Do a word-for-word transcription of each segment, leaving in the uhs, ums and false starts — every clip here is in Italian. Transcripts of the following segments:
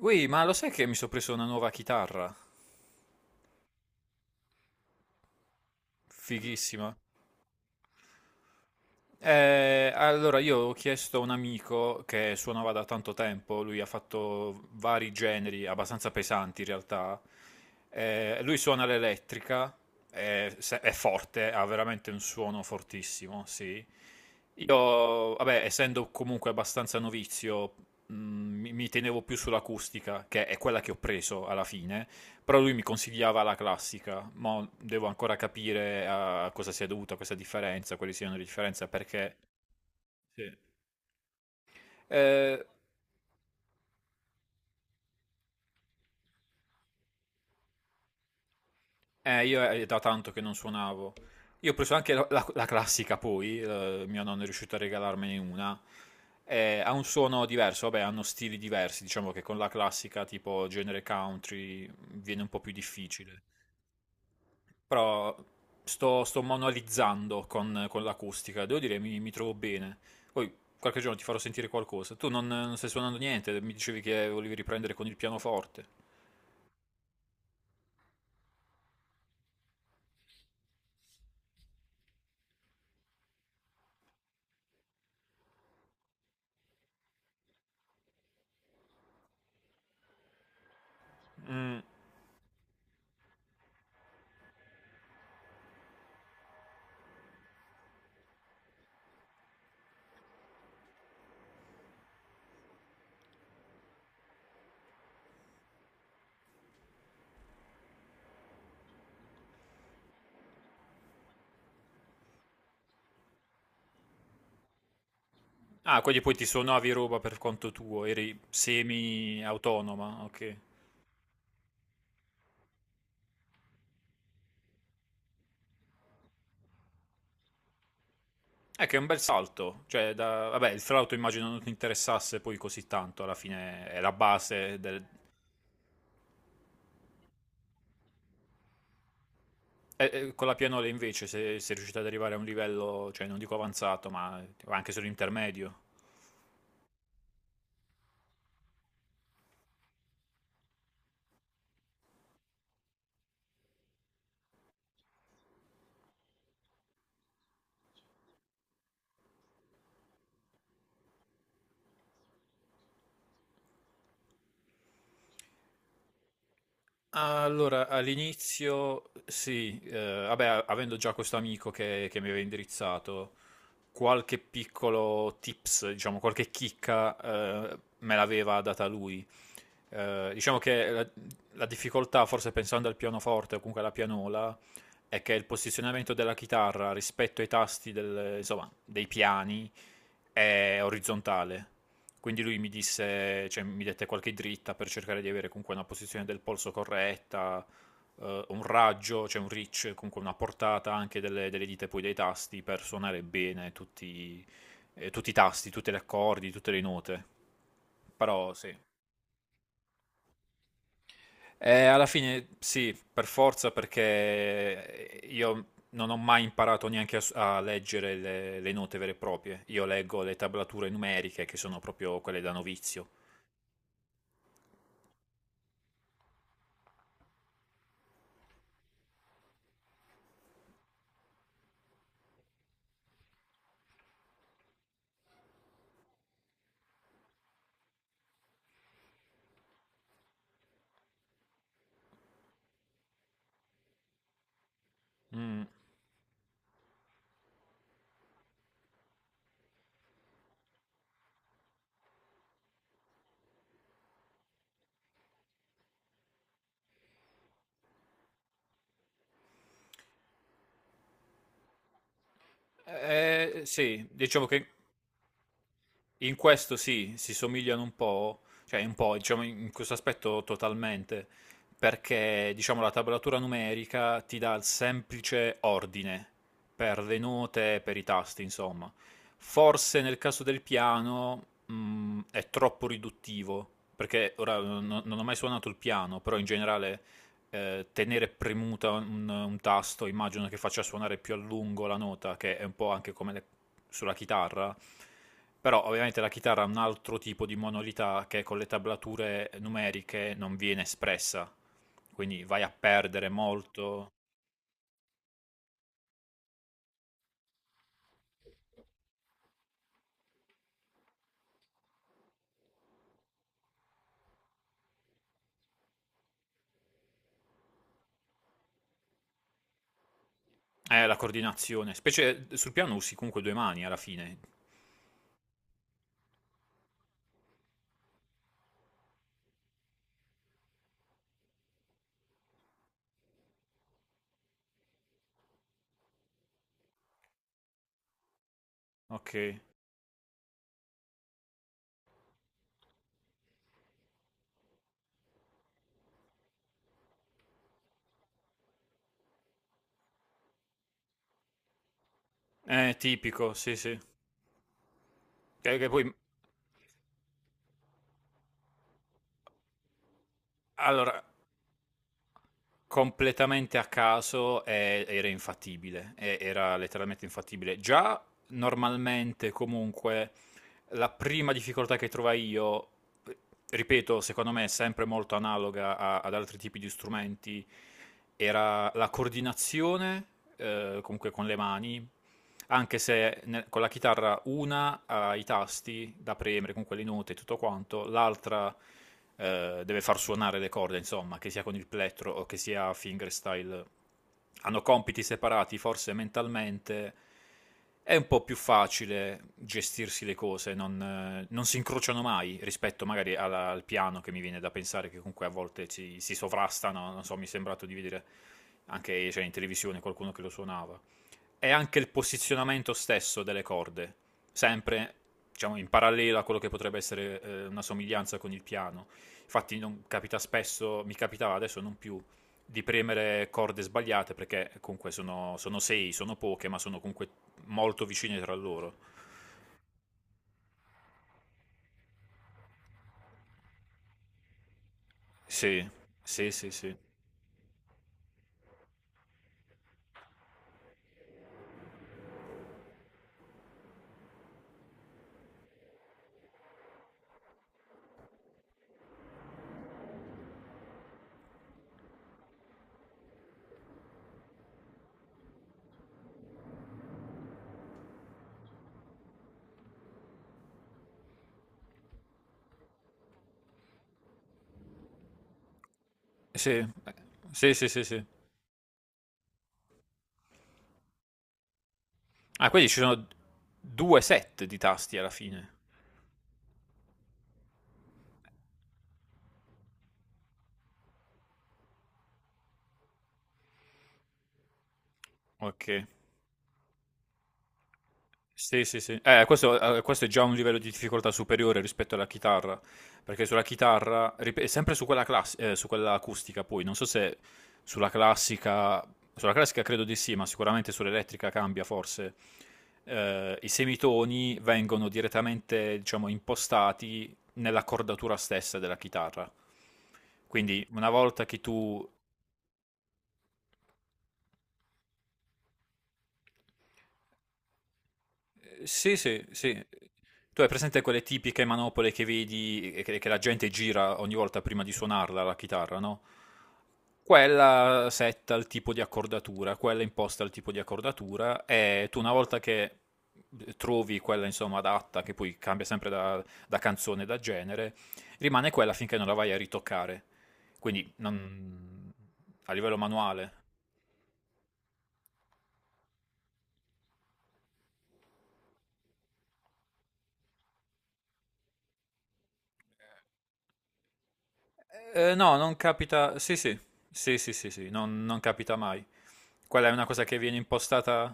Ui, ma lo sai che mi sono preso una nuova chitarra? Fighissima. Eh, allora, io ho chiesto a un amico che suonava da tanto tempo, lui ha fatto vari generi, abbastanza pesanti in realtà. Eh, lui suona l'elettrica, è, se- è forte, ha veramente un suono fortissimo, sì. Io, vabbè, essendo comunque abbastanza novizio, mh, mi mi tenevo più sull'acustica, che è quella che ho preso alla fine. Però lui mi consigliava la classica, ma devo ancora capire a cosa sia dovuta questa differenza, quali siano le differenze, perché. Sì. Eh, eh, io è da tanto che non suonavo. Io ho preso anche la, la- la classica poi, eh, mio nonno è riuscito a regalarmene una. Eh, ha un suono diverso, vabbè, hanno stili diversi, diciamo che con la classica tipo genere country viene un po' più difficile. Però sto, sto manualizzando con, con l'acustica, devo dire mi, mi trovo bene. Poi qualche giorno ti farò sentire qualcosa. Tu non, non stai suonando niente, mi dicevi che volevi riprendere con il pianoforte. Mm. Ah, quindi poi ti suonavi roba per conto tuo, eri semi-autonoma, ok. È che è un bel salto, cioè, da vabbè, il flauto immagino non ti interessasse poi così tanto, alla fine è la base del. Eh, eh, con la pianola invece, se sei riuscita ad arrivare a un livello, cioè non dico avanzato, ma anche solo intermedio. Allora, all'inizio sì, eh, vabbè, a- avendo già questo amico che, che mi aveva indirizzato, qualche piccolo tips, diciamo, qualche chicca, eh, me l'aveva data lui. Eh, diciamo che la, la difficoltà, forse pensando al pianoforte o comunque alla pianola, è che il posizionamento della chitarra rispetto ai tasti del- insomma, dei piani è orizzontale. Quindi lui mi disse, cioè, mi dette qualche dritta per cercare di avere comunque una posizione del polso corretta, eh, un raggio, cioè un reach, comunque una portata anche delle, delle dita e poi dei tasti per suonare bene tutti, eh, tutti i tasti, tutti gli accordi, tutte le note. Però sì, eh, alla fine sì, per forza, perché io non ho mai imparato neanche a, s- a leggere le, le note vere e proprie. Io leggo le tablature numeriche, che sono proprio quelle da novizio. Mm. Eh, sì, diciamo che in questo sì, si somigliano un po', cioè un po', diciamo in questo aspetto totalmente, perché diciamo la tablatura numerica ti dà il semplice ordine per le note, per i tasti, insomma. Forse nel caso del piano, mh, è troppo riduttivo, perché ora no- non ho mai suonato il piano, però in generale eh, tenere premuta un, un tasto, immagino che faccia suonare più a lungo la nota, che è un po' anche come le- sulla chitarra. Però ovviamente la chitarra ha un altro tipo di monolità che con le tablature numeriche non viene espressa, quindi vai a perdere molto, eh, la coordinazione, specie sul piano usi comunque due mani alla fine. Ok, è tipico, sì sì. Che, che poi, allora, completamente a caso e- era infattibile, e- era letteralmente infattibile. Già normalmente comunque la prima difficoltà che trovai io, eh, ripeto, secondo me è sempre molto analoga a- ad altri tipi di strumenti, era la coordinazione, eh, comunque con le mani, anche se ne- con la chitarra una ha i tasti da premere con quelle note e tutto quanto, l'altra eh, deve far suonare le corde, insomma, che sia con il plettro o che sia fingerstyle. Hanno compiti separati, forse mentalmente è un po' più facile gestirsi le cose, non, eh, non si incrociano mai rispetto magari alla- al piano che mi viene da pensare che comunque a volte ci- si sovrastano, non so, mi è sembrato di vedere anche cioè, in televisione qualcuno che lo suonava, è anche il posizionamento stesso delle corde, sempre diciamo, in parallelo a quello che potrebbe essere eh, una somiglianza con il piano. Infatti non capita spesso, mi capitava adesso non più, di premere corde sbagliate perché comunque sono, sono sei, sono poche, ma sono comunque molto vicine tra loro. Sì, sì, sì, sì. Sì, eh, sì, sì, sì, sì. Ah, quindi ci sono due set di tasti alla fine. Ok. Sì, sì, sì. Eh, questo, eh, questo è già un livello di difficoltà superiore rispetto alla chitarra, perché sulla chitarra, rip- è sempre su quella, class- eh, su quella acustica poi, non so se sulla classica, sulla classica credo di sì, ma sicuramente sull'elettrica cambia forse. Eh, i semitoni vengono direttamente, diciamo, impostati nell'accordatura stessa della chitarra. Quindi una volta che tu. Sì, sì, sì. Tu hai presente quelle tipiche manopole che vedi e che, che la gente gira ogni volta prima di suonarla la chitarra, no? Quella setta il tipo di accordatura, quella imposta il tipo di accordatura e tu una volta che eh, trovi quella insomma adatta, che poi cambia sempre da, da canzone, da genere, rimane quella finché non la vai a ritoccare. Quindi non a livello manuale. Eh, no, non capita. Sì, sì, sì, sì, sì, sì, non, non capita mai. Quella è una cosa che viene impostata.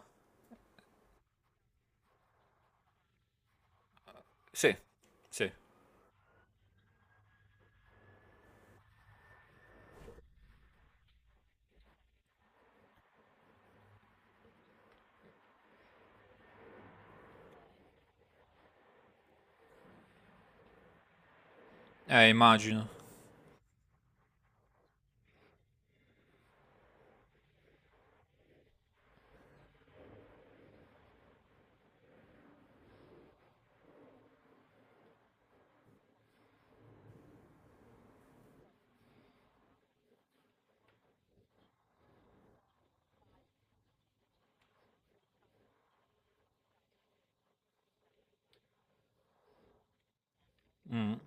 Sì, sì. Eh, immagino. Mm.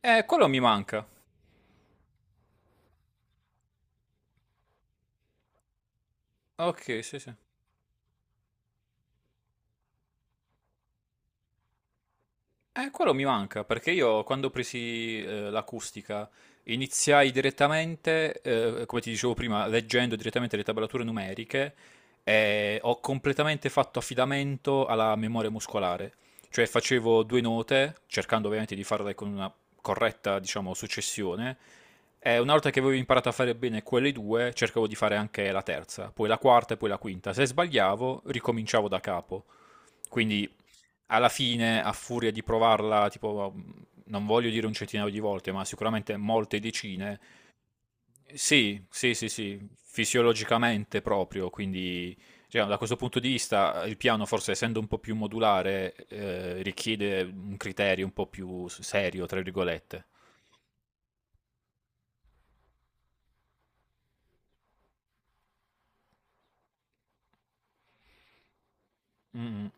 Eh, quello mi manca. Ok, sì, sì. Eh, quello mi manca perché io quando ho presi eh, l'acustica iniziai direttamente, eh, come ti dicevo prima, leggendo direttamente le tablature numeriche e ho completamente fatto affidamento alla memoria muscolare. Cioè facevo due note, cercando ovviamente di farle con una corretta, diciamo, successione, e una volta che avevo imparato a fare bene quelle due, cercavo di fare anche la terza, poi la quarta e poi la quinta. Se sbagliavo, ricominciavo da capo. Quindi alla fine, a furia di provarla, tipo, non voglio dire un centinaio di volte, ma sicuramente molte decine, sì, sì, sì, sì, fisiologicamente proprio, quindi cioè, da questo punto di vista il piano, forse essendo un po' più modulare, eh, richiede un criterio un po' più serio, tra virgolette. Mm.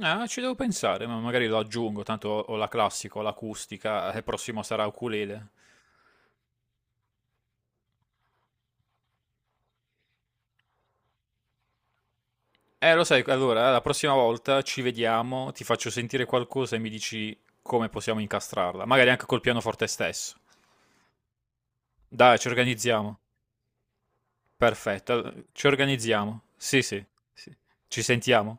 Ah, ci devo pensare, ma magari lo aggiungo, tanto ho ho la classica, ho l'acustica, e prossimo sarà ukulele. Eh, lo sai, allora la prossima volta ci vediamo, ti faccio sentire qualcosa e mi dici come possiamo incastrarla, magari anche col pianoforte stesso. Dai, ci organizziamo. Perfetto, ci organizziamo. Sì, sì, sì. Ci sentiamo.